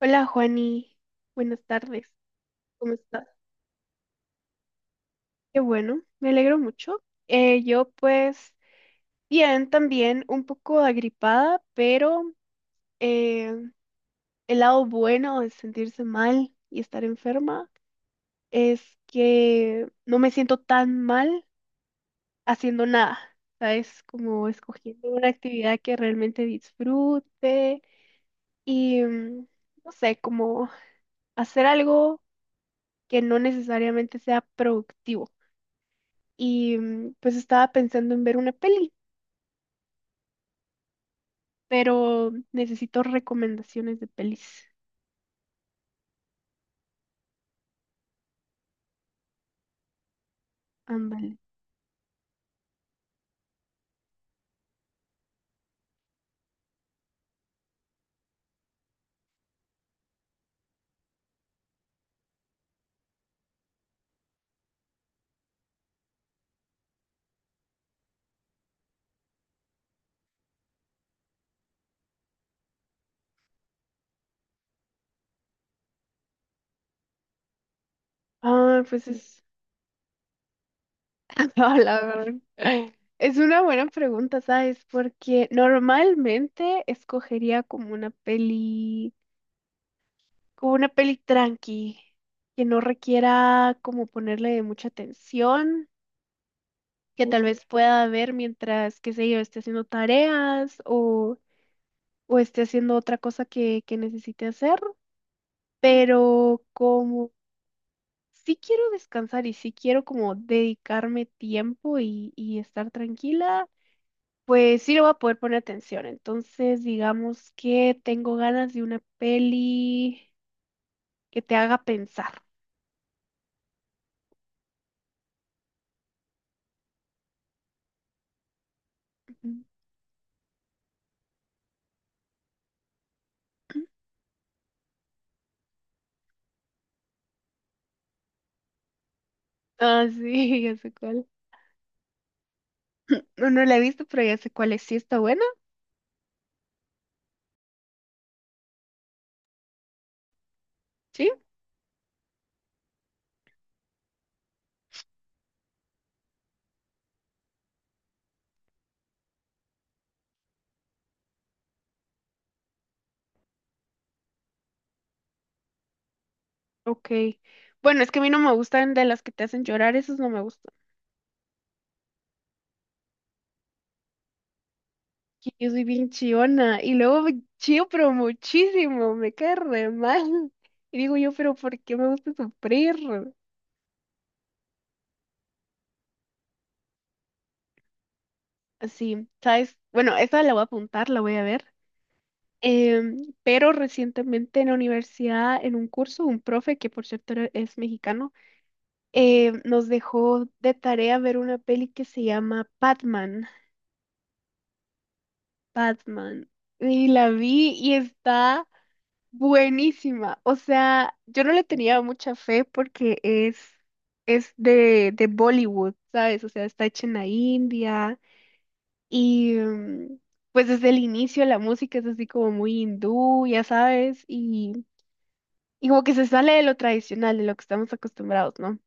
Hola Juani, buenas tardes, ¿cómo estás? Qué bueno, me alegro mucho. Yo pues bien, también un poco agripada, pero eh, el lado bueno de sentirse mal y estar enferma es que no me siento tan mal haciendo nada, ¿sabes? Como escogiendo una actividad que realmente disfrute y no sé, como hacer algo que no necesariamente sea productivo. Y pues estaba pensando en ver una peli, pero necesito recomendaciones de pelis. Ándale. Ah, pues es... no, la verdad, es una buena pregunta, ¿sabes? Porque normalmente escogería como una peli tranqui, que no requiera como ponerle mucha atención, que tal vez pueda ver mientras, qué sé yo, esté haciendo tareas o esté haciendo otra cosa que necesite hacer. Pero como sí quiero descansar y sí quiero como dedicarme tiempo y estar tranquila, pues sí lo voy a poder poner atención. Entonces, digamos que tengo ganas de una peli que te haga pensar. Ujú. Ah, sí, ya sé cuál. No, no la he visto, pero ya sé cuál es. Sí está buena, ¿sí? Ok. Bueno, es que a mí no me gustan de las que te hacen llorar, esas no me gustan. Que yo soy bien chillona y luego me chío pero muchísimo, me cae re mal. Y digo yo, pero ¿por qué me gusta sufrir? Así, ¿sabes? Bueno, esta la voy a apuntar, la voy a ver. Pero recientemente en la universidad, en un curso, un profe, que por cierto es mexicano, nos dejó de tarea ver una peli que se llama Batman. Batman. Y la vi y está... Buenísima. O sea, yo no le tenía mucha fe porque es de Bollywood, ¿sabes? O sea, está hecha en la India y pues desde el inicio la música es así como muy hindú, ya sabes, y como que se sale de lo tradicional, de lo que estamos acostumbrados, ¿no?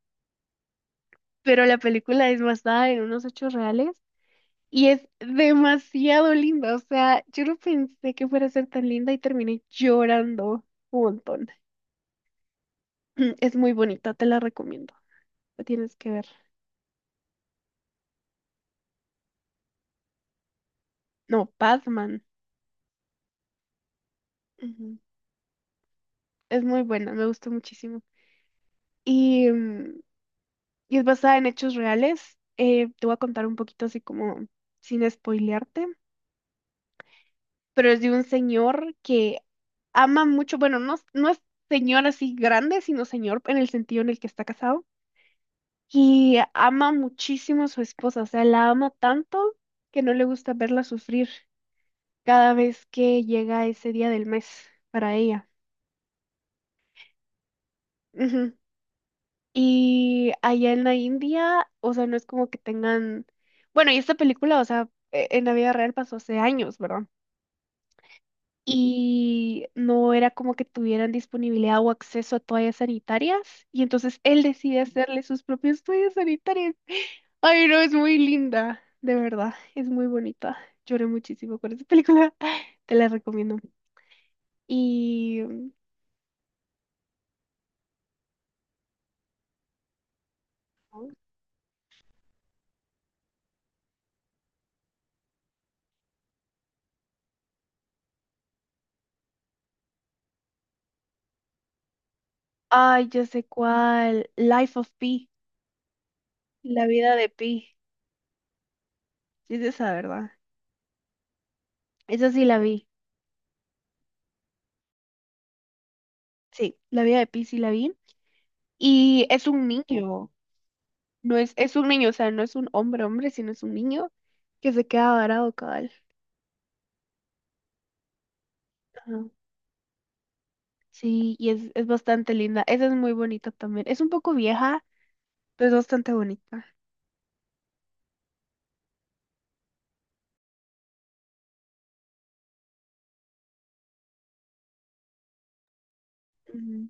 Pero la película es basada en unos hechos reales y es demasiado linda. O sea, yo no pensé que fuera a ser tan linda y terminé llorando un montón. Es muy bonita, te la recomiendo. La tienes que ver. No, Batman. Ujú. Es muy buena, me gustó muchísimo. Y, y es basada en hechos reales. Te voy a contar un poquito así como sin spoilearte, pero es de un señor que ama mucho, bueno, no, no es señor así grande, sino señor en el sentido en el que está casado. Y ama muchísimo a su esposa, o sea, la ama tanto que no le gusta verla sufrir cada vez que llega ese día del mes para ella. Ujú. Y allá en la India, o sea, no es como que tengan, bueno, y esta película, o sea, en la vida real pasó hace años, ¿verdad? Y no era como que tuvieran disponibilidad o acceso a toallas sanitarias, y entonces él decide hacerle sus propias toallas sanitarias. Ay, no, es muy linda, de verdad, es muy bonita. Lloré muchísimo con esta película, te la recomiendo. Y, ay, ya sé cuál, Life of Pi, la vida de Pi. Sí, es esa, ¿verdad? Esa sí la vi. Sí. La vida de Pi sí la vi. Y es un niño. No es, es un niño, o sea, no es un hombre hombre, sino es un niño que se queda varado, cabal. Ajá. Sí, y es bastante linda. Esa es muy bonita también. Es un poco vieja, pero es bastante bonita. Ujú.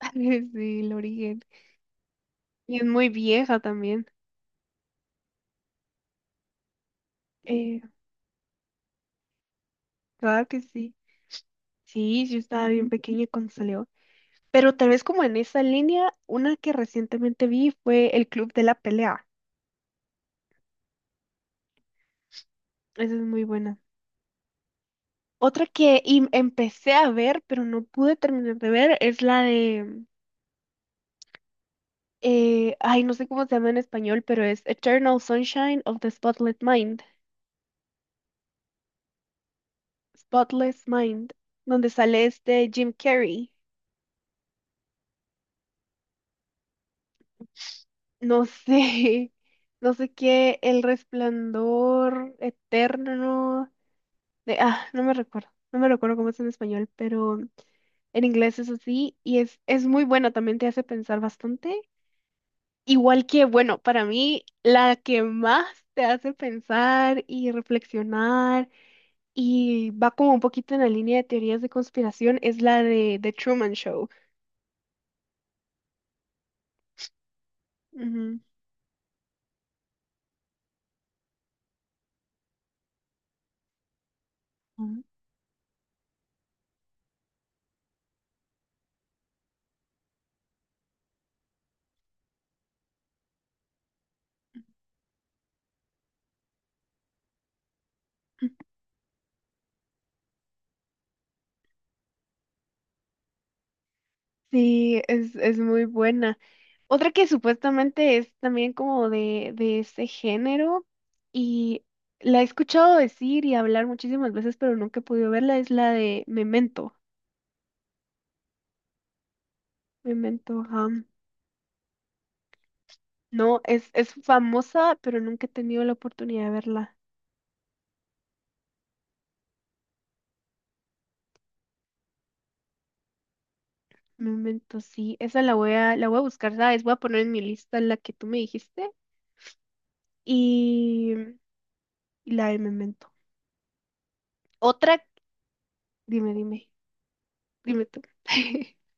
Sí, el origen. Y es muy vieja también. Eh, claro que sí. Sí, yo estaba bien pequeña cuando salió. Pero tal vez como en esa línea, una que recientemente vi fue El Club de la Pelea. Esa es muy buena. Otra que empecé a ver, pero no pude terminar de ver, es la de, ay, no sé cómo se llama en español, pero es Eternal Sunshine of the Spotless Mind, Spotless Mind, donde sale este Jim Carrey. No sé, no sé qué, El Resplandor Eterno de, ah, no me recuerdo, no me recuerdo cómo es en español, pero en inglés es así y es muy buena, también te hace pensar bastante. Igual que, bueno, para mí la que más te hace pensar y reflexionar y va como un poquito en la línea de teorías de conspiración es la de The Truman Show. Ujú. Ujú. Sí, es muy buena. Otra que supuestamente es también como de ese género y la he escuchado decir y hablar muchísimas veces, pero nunca he podido verla, es la de Memento. Memento, ajá. No, es famosa, pero nunca he tenido la oportunidad de verla. Un momento, sí, esa la voy a buscar, ¿sabes? Voy a poner en mi lista la que tú me dijiste y, y la del Memento. Otra, dime, dime, dime tú.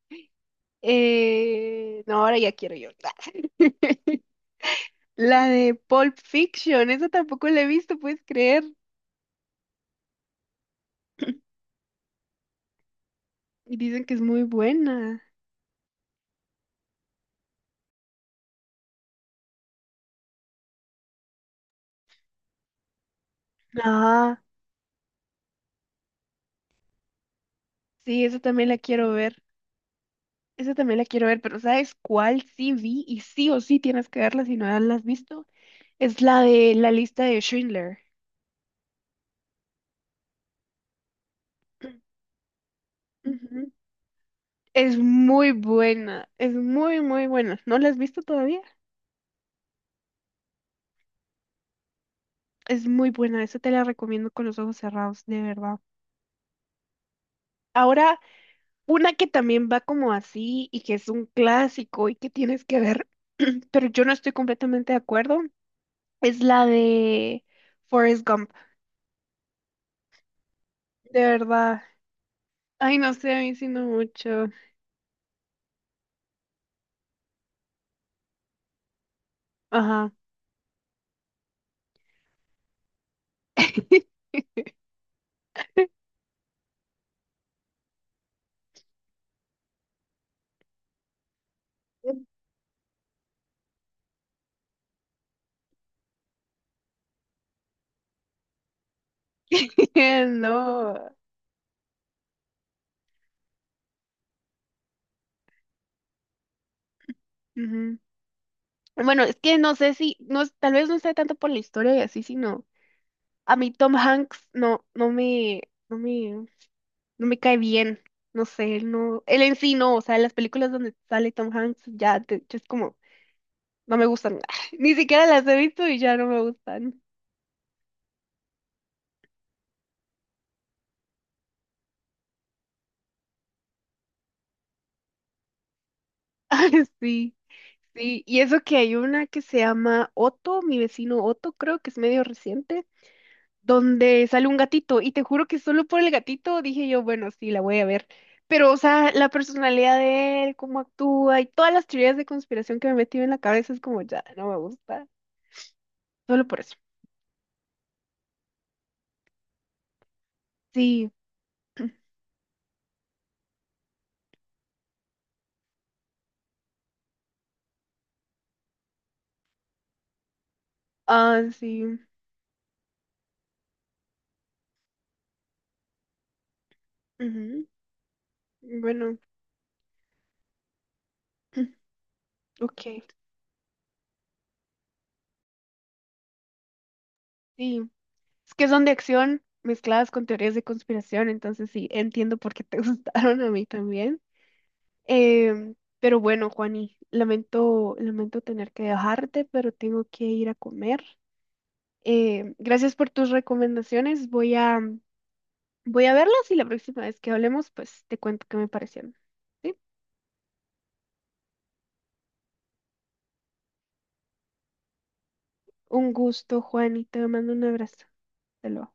No, ahora ya quiero yo. La de Pulp Fiction, esa tampoco la he visto, puedes creer. Y dicen que es muy buena. Ah, sí, esa también la quiero ver. Esa también la quiero ver, pero ¿sabes cuál sí vi? Y sí o sí tienes que verla si no la has visto. Es la de la lista de Schindler. Ujú. Es muy buena, es muy, muy buena. ¿No la has visto todavía? Es muy buena, esa te la recomiendo con los ojos cerrados, de verdad. Ahora, una que también va como así y que es un clásico y que tienes que ver, pero yo no estoy completamente de acuerdo, es la de Forrest Gump, de verdad. Ay, no sé, a mí sí no mucho. Ajá. No. Ujú. Bueno, es que no sé si, no, tal vez no sea tanto por la historia y así, sino a mí Tom Hanks no, no me, no me, no me cae bien. No sé, él no, él en sí no, o sea, las películas donde sale Tom Hanks ya, yo es como, no me gustan. Ni siquiera las he visto y ya no me gustan. Sí, sí. Y eso que hay una que se llama Otto, mi vecino Otto, creo que es medio reciente. Donde sale un gatito y te juro que solo por el gatito dije yo, bueno, sí, la voy a ver. Pero, o sea, la personalidad de él, cómo actúa y todas las teorías de conspiración que me metí en la cabeza es como, ya, no me gusta. Solo por eso. Sí. Ah, sí. Ujú. Bueno, ok, sí. Es que son de acción mezcladas con teorías de conspiración, entonces sí, entiendo por qué te gustaron a mí también. Em, pero bueno, Juani, lamento, lamento tener que dejarte, pero tengo que ir a comer. Gracias por tus recomendaciones. Voy a, voy a verlas y la próxima vez que hablemos, pues te cuento qué me parecieron. ¿Sí? Un gusto, Juani. Te mando un abrazo. Hasta luego.